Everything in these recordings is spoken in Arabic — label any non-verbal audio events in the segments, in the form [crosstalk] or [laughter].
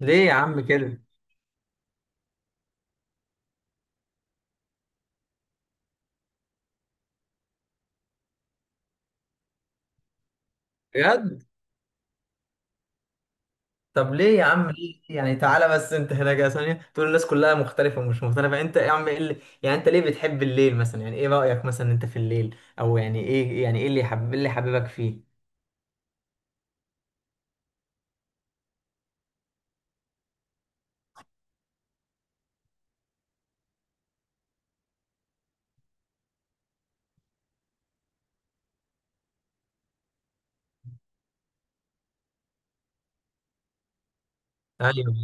ليه يا عم كده؟ بجد؟ طب ليه يا عم؟ ليه؟ يعني تعالى بس، انت هنا كده ثانيه، تقول الناس كلها مختلفه ومش مختلفه، انت يا عم ايه اللي يعني؟ انت ليه بتحب الليل مثلا؟ يعني ايه رايك مثلا انت في الليل؟ او يعني ايه، يعني ايه اللي اللي حببك فيه؟ ايوه،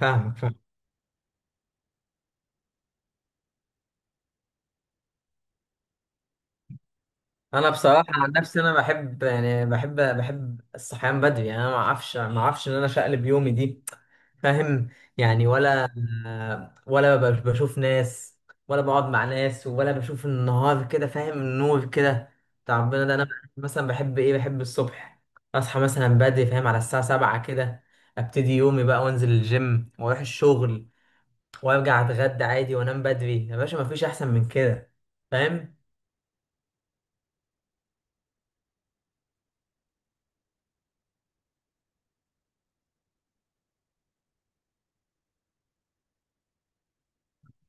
فاهمك. انا بصراحه عن نفسي انا بحب، يعني بحب الصحيان بدري. يعني انا ما اعرفش ان انا شقلب يومي دي. فاهم؟ يعني ولا، ولا بشوف ناس، ولا بقعد مع ناس، ولا بشوف النهار كده، فاهم، النور كده بتاع ربنا ده. انا مثلا بحب ايه؟ بحب الصبح. اصحى مثلا بدري، فاهم، على الساعه 7 كده. ابتدي يومي بقى، وانزل الجيم، واروح الشغل، وارجع اتغدى عادي، وانام بدري. يا باشا، مفيش احسن من كده، فاهم؟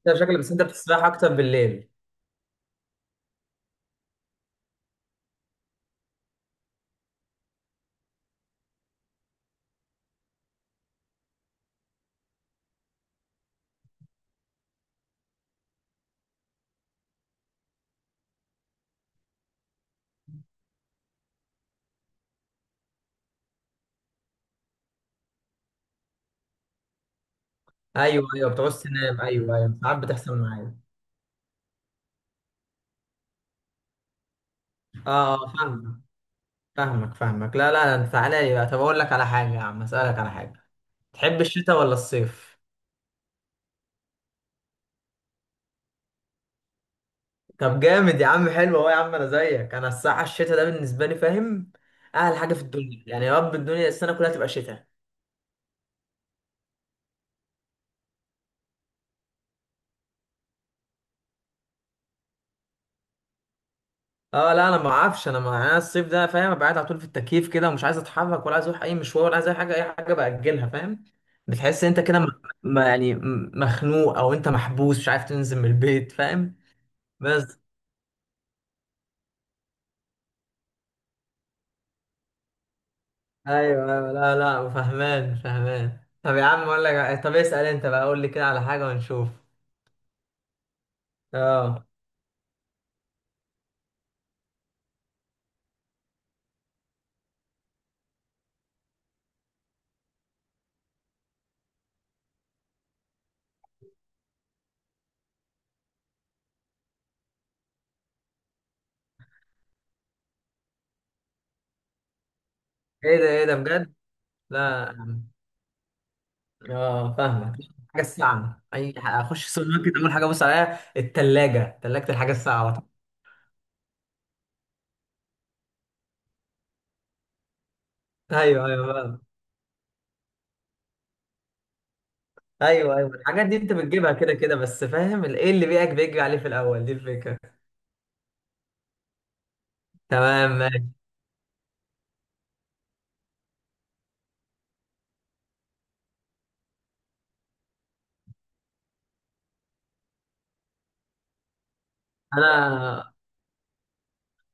انت شكلك بس انت بتستريح اكتر بالليل. ايوه ايوه، بتعوز تنام، ايوه ايوه، ساعات بتحصل معايا. اه اه، فاهمك. لا لا، انت تعالى لي بقى. طب اقول لك على حاجه يا عم، اسالك على حاجه: تحب الشتاء ولا الصيف؟ طب جامد يا عم، حلو اهو يا عم. انا زيك، انا الصراحه الشتاء ده بالنسبه لي، فاهم، اهل حاجه في الدنيا، يعني يا رب الدنيا السنه كلها تبقى شتاء. اه لا، انا ما اعرفش، انا ما انا الصيف ده، فاهم، ابقى قاعد على طول في التكييف كده، ومش عايز اتحرك، ولا عايز اروح اي مشوار، ولا عايز اي حاجه، اي حاجه باجلها، فاهم. بتحس انت كده، يعني مخنوق، او انت محبوس، مش عارف تنزل من البيت، فاهم؟ بس ايوه ايوه، لا لا، فهمان فهمان. طب يا عم اقول لك، طب اسأل انت بقى، قول لي كده على حاجة ونشوف. اه، ايه ده؟ ايه ده؟ بجد؟ لا. اه فاهمك. حاجة الساعة، اخش السوبر ماركت، اول حاجة ابص عليها التلاجة، تلاجة الحاجة الساعة، وطبعا. ايوه ايوه فاهم. ايوه ايوه، الحاجات دي انت بتجيبها كده كده، بس فاهم ايه اللي بيئك بيجري عليه في الاول، دي الفكرة. تمام ماشي. انا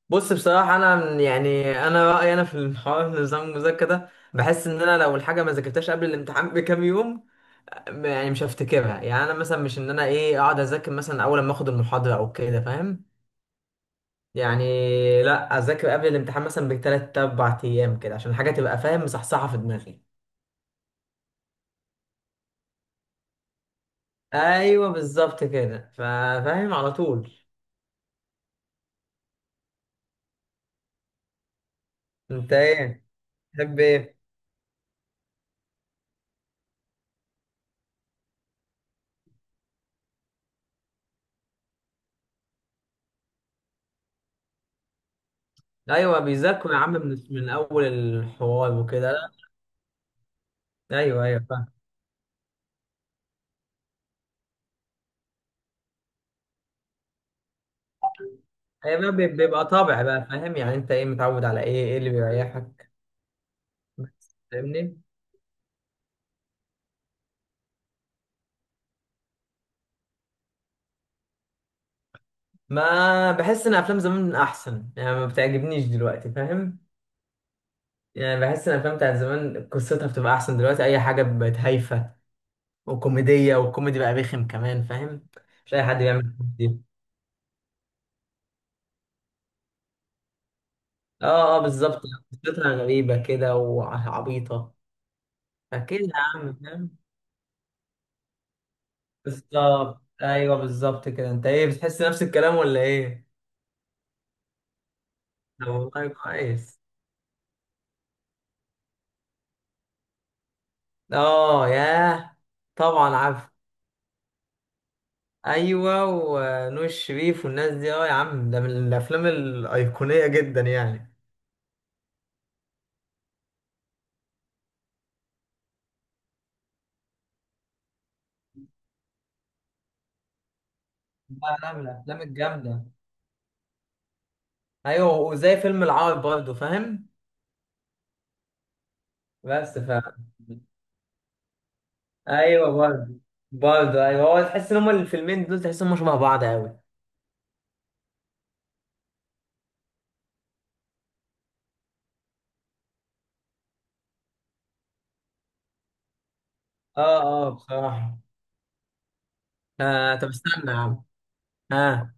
بص، بصراحة أنا يعني أنا رأيي أنا في الحوار، نظام المذاكرة ده بحس إن أنا لو الحاجة ما ذاكرتهاش قبل الامتحان بكام يوم، يعني مش هفتكرها. يعني أنا مثلا مش إن أنا إيه أقعد أذاكر مثلا أول ما آخد المحاضرة أو كده، فاهم يعني؟ لأ، أذاكر قبل الامتحان مثلا بتلات أربع أيام كده، عشان الحاجة تبقى فاهم مصحصحة في دماغي. أيوه بالظبط كده، فاهم على طول. أنت إيه تحب إيه؟ أيوه بيذاكروا يا عم، من من أول الحوار وكده، لأ؟ أيوه أيوه. هي بقى بيبقى طابع بقى، فاهم، يعني انت ايه متعود على ايه، ايه اللي بيريحك؟ بس فاهمني. ما بحس ان افلام زمان احسن، يعني ما بتعجبنيش دلوقتي، فاهم. يعني بحس ان الافلام بتاعت زمان قصتها بتبقى احسن، دلوقتي اي حاجه بقت هايفه وكوميديه، والكوميدي بقى رخم كمان، فاهم، مش اي حد بيعمل كوميدي. اه اه بالظبط، قصتها غريبه كده وعبيطه. فكده يا عم، فاهم. بالظبط، ايوه بالظبط كده. انت ايه، بتحس نفس الكلام ولا ايه؟ طب والله كويس. اه ياه، طبعا عارف. ايوه، ونور الشريف والناس دي، اه يا عم، ده من الافلام الايقونيه جدا يعني. لا لا، من الافلام الجامده. ايوه، وزي فيلم العار برضه، فاهم. بس ف، ايوه برضه. برضه ايوه، هو تحس ان هما الفيلمين دول، تحس ان هما شبه بعض قوي. اه اه بصراحه. آه طب استنى يا عم. اه،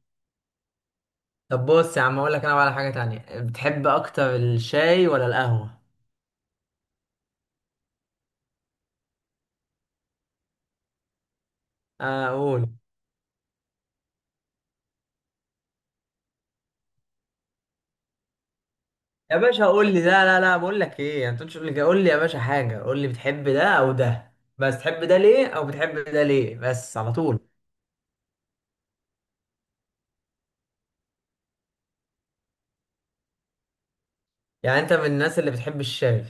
طب بص يا عم اقول لك، انا بقى على حاجه تانية: بتحب اكتر الشاي ولا القهوه؟ آه قول. يا باشا قول لي ده، لا لا، بقول لك ايه، انت تقولش، قول لي كده، قول لي يا باشا حاجه، قول لي بتحب ده او ده، بس تحب ده ليه، او بتحب ده ليه، بس على طول. يعني انت من الناس اللي بتحب الشاي؟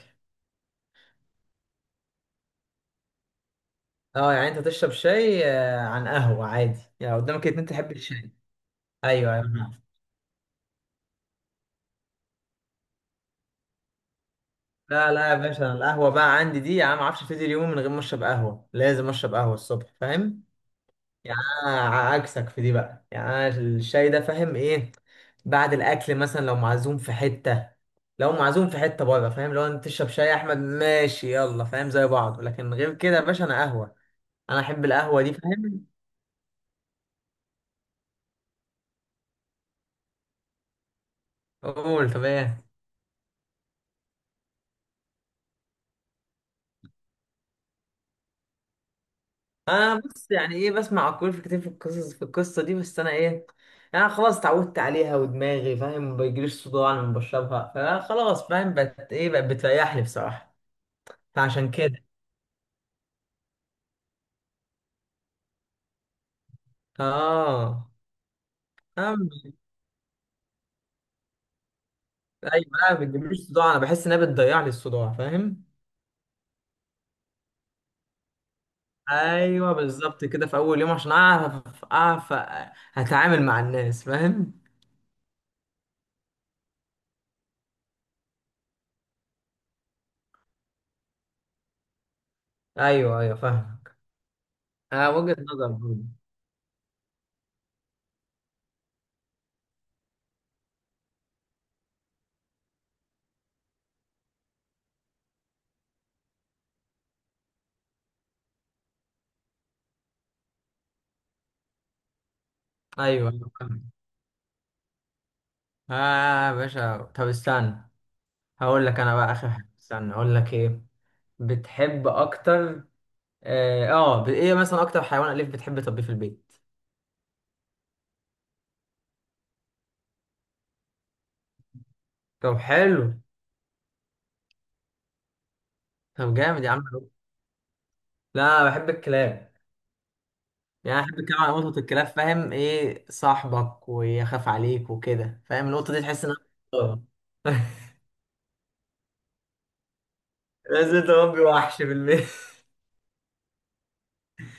اه، يعني انت تشرب شاي، آه، عن قهوه عادي؟ يعني قدامك اتنين، تحب الشاي؟ ايوه ايوه، أنا عارف. لا لا يا باشا، أنا القهوه بقى عندي دي يا عم، ما اعرفش ابتدي اليوم من غير ما اشرب قهوه، لازم اشرب قهوه الصبح، فاهم. يعني انا عكسك في دي بقى. يعني انا الشاي ده، فاهم ايه، بعد الاكل مثلا، لو معزوم في حته، لو معزوم في حته بره، فاهم، لو انت تشرب شاي يا احمد ماشي، يلا، فاهم، زي بعض. لكن غير كده يا باشا، انا قهوه، انا احب القهوه دي، فاهم. قول طب ايه؟ انا بص، يعني ايه، بسمع كل في كتير في القصص في القصه دي، بس انا ايه، يعني خلاص اتعودت عليها، ودماغي فاهم ما بيجيليش صداع لما بشربها، فخلاص فاهم، بقت ايه، بقت بتريحني بصراحه. فعشان كده، اه، ايوه. لا ما بتجيبليش صداع، انا بحس انها بتضيع لي الصداع، فاهم. ايوه بالظبط كده، في اول يوم، عشان اعرف، اعرف هتعامل مع الناس، فاهم. ايوه ايوه فاهمك. آه، وجهة نظر برضه. ايوه ايوه فاهمك. اه آه، يا باشا طب استنى، هقول لك انا بقى اخر حاجه، استنى اقول لك ايه بتحب اكتر. اه آه، ايه مثلا اكتر حيوان اليف بتحب تربيه في البيت؟ طب حلو. طب جامد يا عم. لا أنا بحب الكلاب. يعني أنا بحب كمان نقطة الكلاب، فاهم، ايه صاحبك ويخاف عليك وكده، فاهم النقطة دي، تحس انها آه. [laughs] بس انت ربي وحش بالبيت.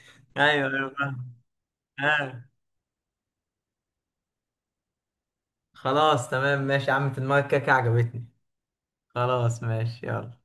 [laughs] ايوه ايوه فاهم. آه. خلاص تمام ماشي يا عم، في دماغك كده كده، عجبتني. خلاص، ماشي، يلا.